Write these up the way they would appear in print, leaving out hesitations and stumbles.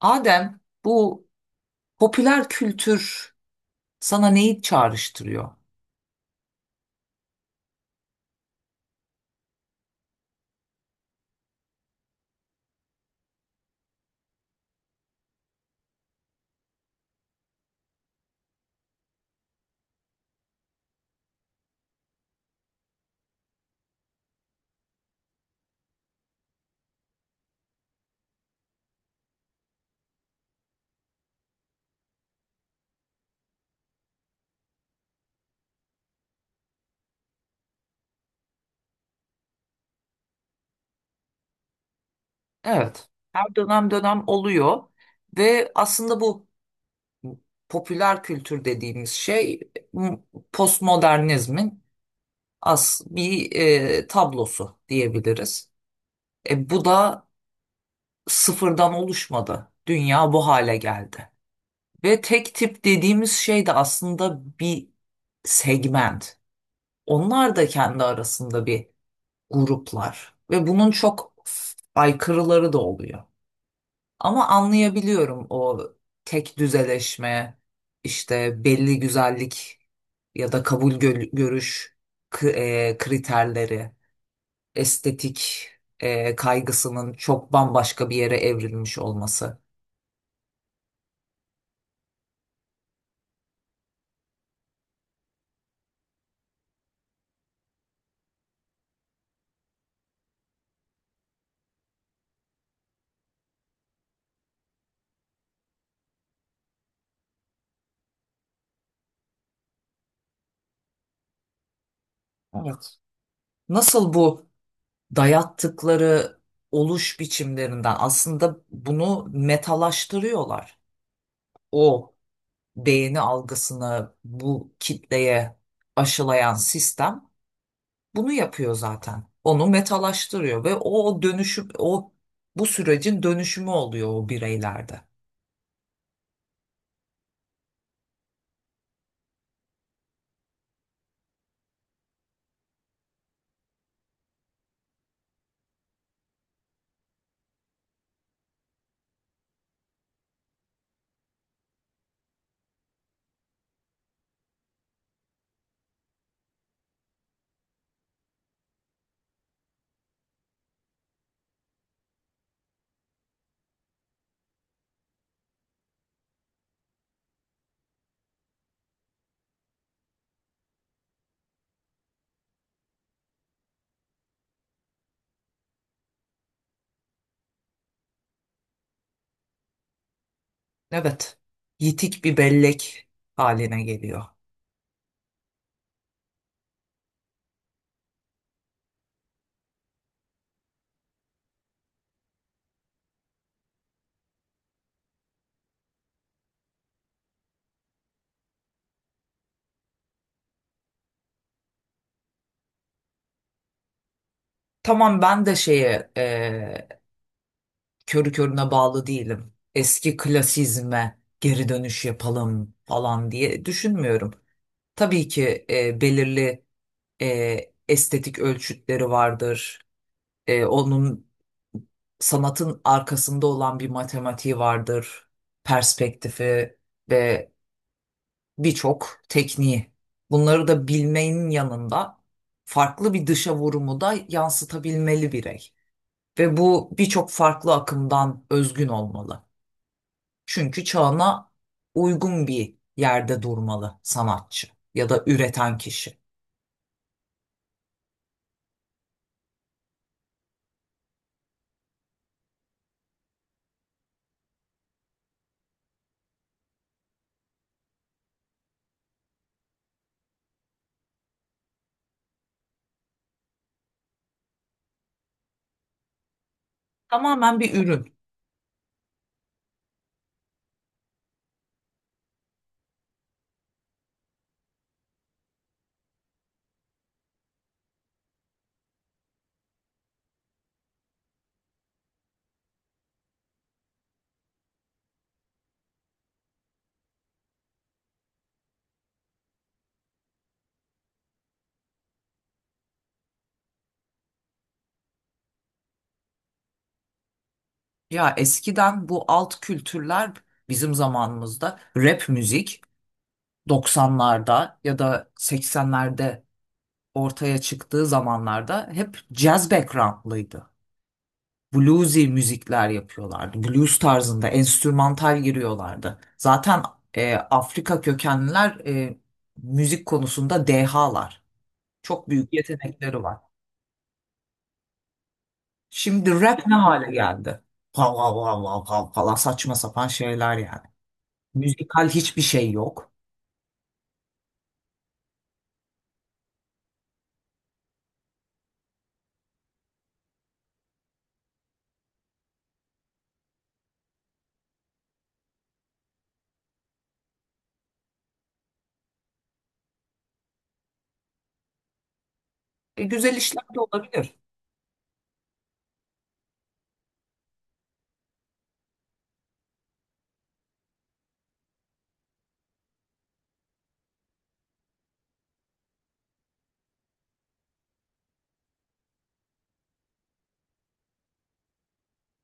Adem, bu popüler kültür sana neyi çağrıştırıyor? Evet, her dönem dönem oluyor ve aslında bu popüler kültür dediğimiz şey m- postmodernizmin as bir tablosu diyebiliriz. Bu da sıfırdan oluşmadı. Dünya bu hale geldi. Ve tek tip dediğimiz şey de aslında bir segment. Onlar da kendi arasında bir gruplar ve bunun çok aykırıları da oluyor. Ama anlayabiliyorum o tek düzeleşme, işte belli güzellik ya da kabul görüş kriterleri, estetik kaygısının çok bambaşka bir yere evrilmiş olması. Evet. Nasıl bu dayattıkları oluş biçimlerinden aslında bunu metalaştırıyorlar. O beğeni algısını bu kitleye aşılayan sistem bunu yapıyor zaten. Onu metalaştırıyor ve o dönüşüm, o bu sürecin dönüşümü oluyor o bireylerde. Evet, yitik bir bellek haline geliyor. Tamam, ben de şeye körü körüne bağlı değilim. Eski klasizme geri dönüş yapalım falan diye düşünmüyorum. Tabii ki belirli estetik ölçütleri vardır. Onun sanatın arkasında olan bir matematiği vardır, perspektifi ve birçok tekniği. Bunları da bilmenin yanında farklı bir dışa vurumu da yansıtabilmeli birey. Ve bu birçok farklı akımdan özgün olmalı. Çünkü çağına uygun bir yerde durmalı sanatçı ya da üreten kişi. Tamamen bir ürün. Ya eskiden bu alt kültürler, bizim zamanımızda rap müzik 90'larda ya da 80'lerde ortaya çıktığı zamanlarda hep jazz backgroundlıydı. Bluesy müzikler yapıyorlardı. Blues tarzında enstrümantal giriyorlardı. Zaten Afrika kökenliler müzik konusunda dehalar. Çok büyük yetenekleri var. Şimdi rap ne hale geldi? Vav vav vav vav vav falan, saçma sapan şeyler yani. Müzikal hiçbir şey yok. Güzel işler de olabilir.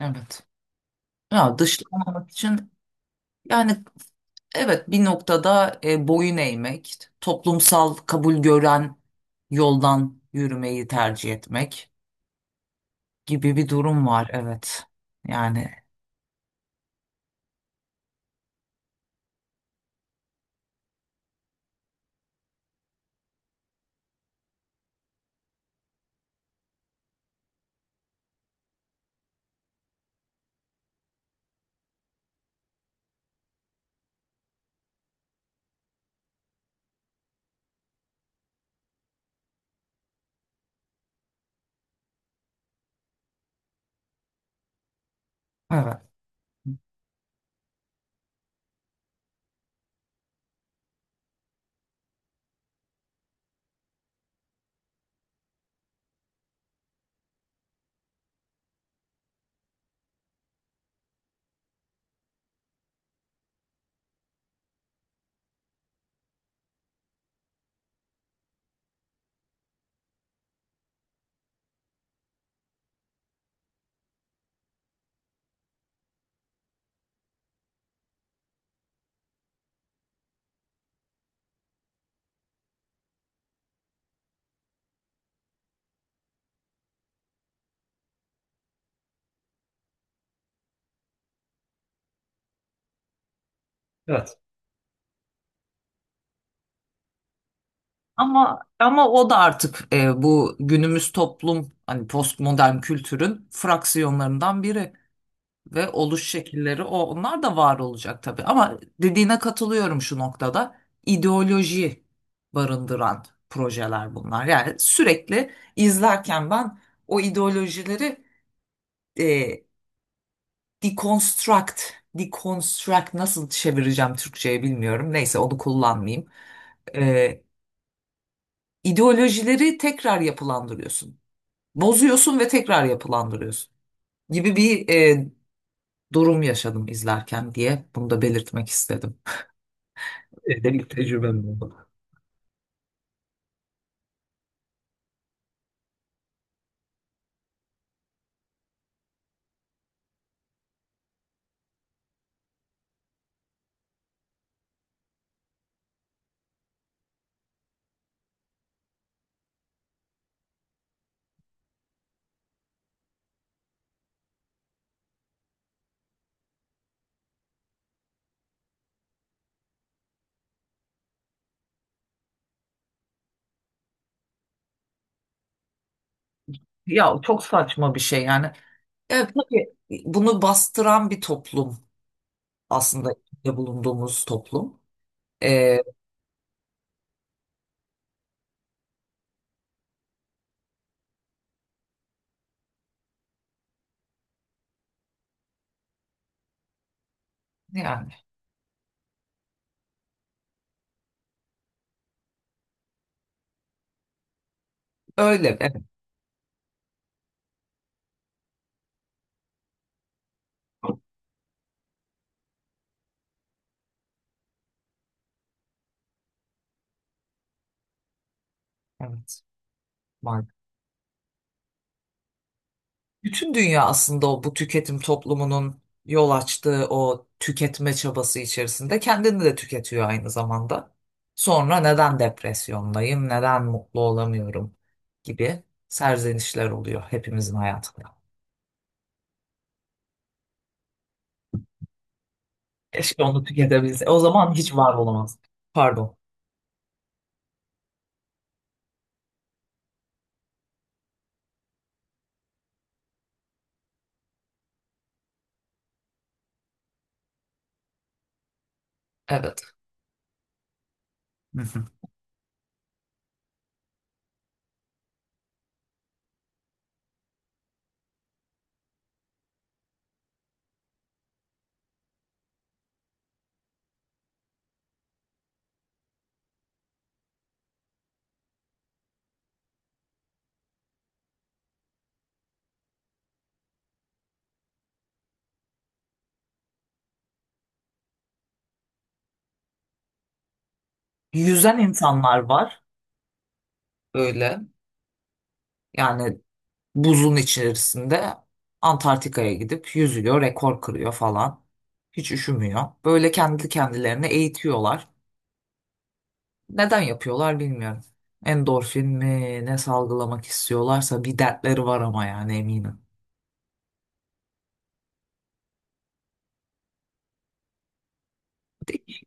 Evet. Ya dışlanmamak için, yani evet, bir noktada boyun eğmek, toplumsal kabul gören yoldan yürümeyi tercih etmek gibi bir durum var. Evet. Yani evet. Evet. Ama o da artık bu günümüz toplum, hani postmodern kültürün fraksiyonlarından biri. Ve oluş şekilleri, o onlar da var olacak tabii. Ama dediğine katılıyorum şu noktada. İdeoloji barındıran projeler bunlar. Yani sürekli izlerken ben o ideolojileri e, deconstruct, deconstruct nasıl çevireceğim Türkçe'ye bilmiyorum. Neyse, onu kullanmayayım. E, ideolojileri tekrar yapılandırıyorsun. Bozuyorsun ve tekrar yapılandırıyorsun gibi bir durum yaşadım izlerken, diye bunu da belirtmek istedim. Benim tecrübem oldu. Ya çok saçma bir şey yani. Evet, tabii bunu bastıran bir toplum aslında içinde bulunduğumuz toplum. Ee, yani öyle evet, evet maalesef. Bütün dünya aslında o bu tüketim toplumunun yol açtığı o tüketme çabası içerisinde kendini de tüketiyor aynı zamanda. Sonra neden depresyondayım, neden mutlu olamıyorum gibi serzenişler oluyor hepimizin hayatında. Keşke onu tüketebilse. O zaman hiç var olamaz. Pardon. Evet. Hı hı. Yüzen insanlar var böyle. Yani buzun içerisinde Antarktika'ya gidip yüzüyor, rekor kırıyor falan. Hiç üşümüyor. Böyle kendi kendilerine eğitiyorlar. Neden yapıyorlar bilmiyorum. Endorfin mi ne salgılamak istiyorlarsa bir dertleri var ama yani, eminim. Değil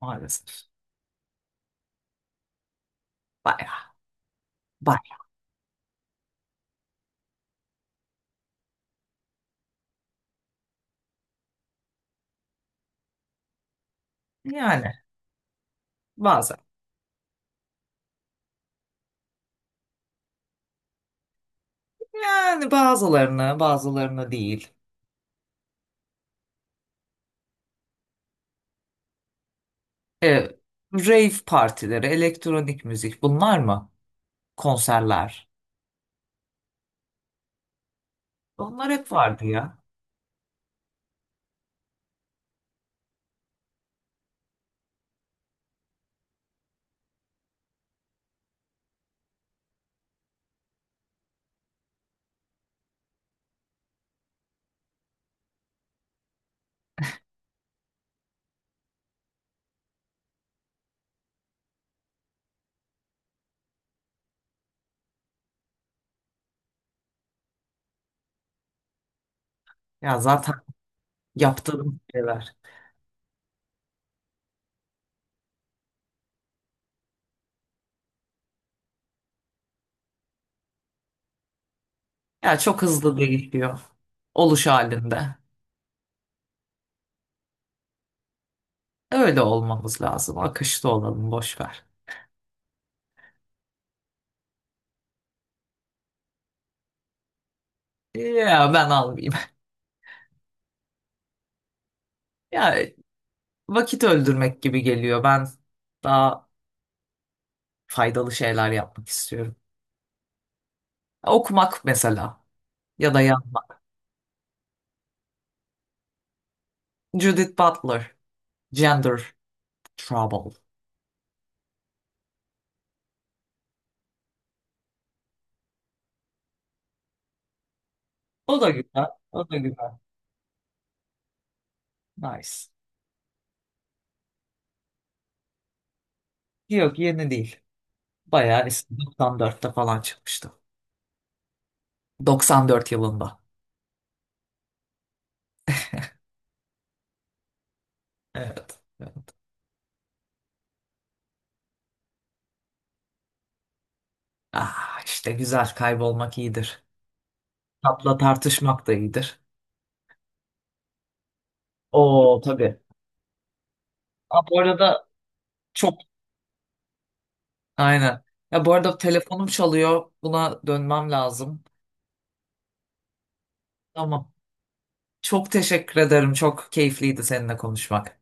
maalesef. Bayağı. Bayağı. Yani bazen. Yani bazılarını, bazılarını değil. E, rave partileri, elektronik müzik bunlar mı? Konserler. Onlar hep vardı ya. Ya zaten yaptığım şeyler. Ya çok hızlı değişiyor. Oluş halinde. Öyle olmamız lazım. Akışta olalım, boş ver. Ya ben almayayım. Ya vakit öldürmek gibi geliyor. Ben daha faydalı şeyler yapmak istiyorum. Okumak mesela, ya da yazmak. Judith Butler, Gender Trouble. O da güzel. O da güzel. Nice. Yok, yeni değil. Bayağı eski, 94'te falan çıkmıştı. 94 yılında. Evet. Ah işte, güzel kaybolmak iyidir. Tatla tartışmak da iyidir. Oo tabii. Ha, bu arada çok aynen. Ya bu arada telefonum çalıyor. Buna dönmem lazım. Tamam. Çok teşekkür ederim. Çok keyifliydi seninle konuşmak.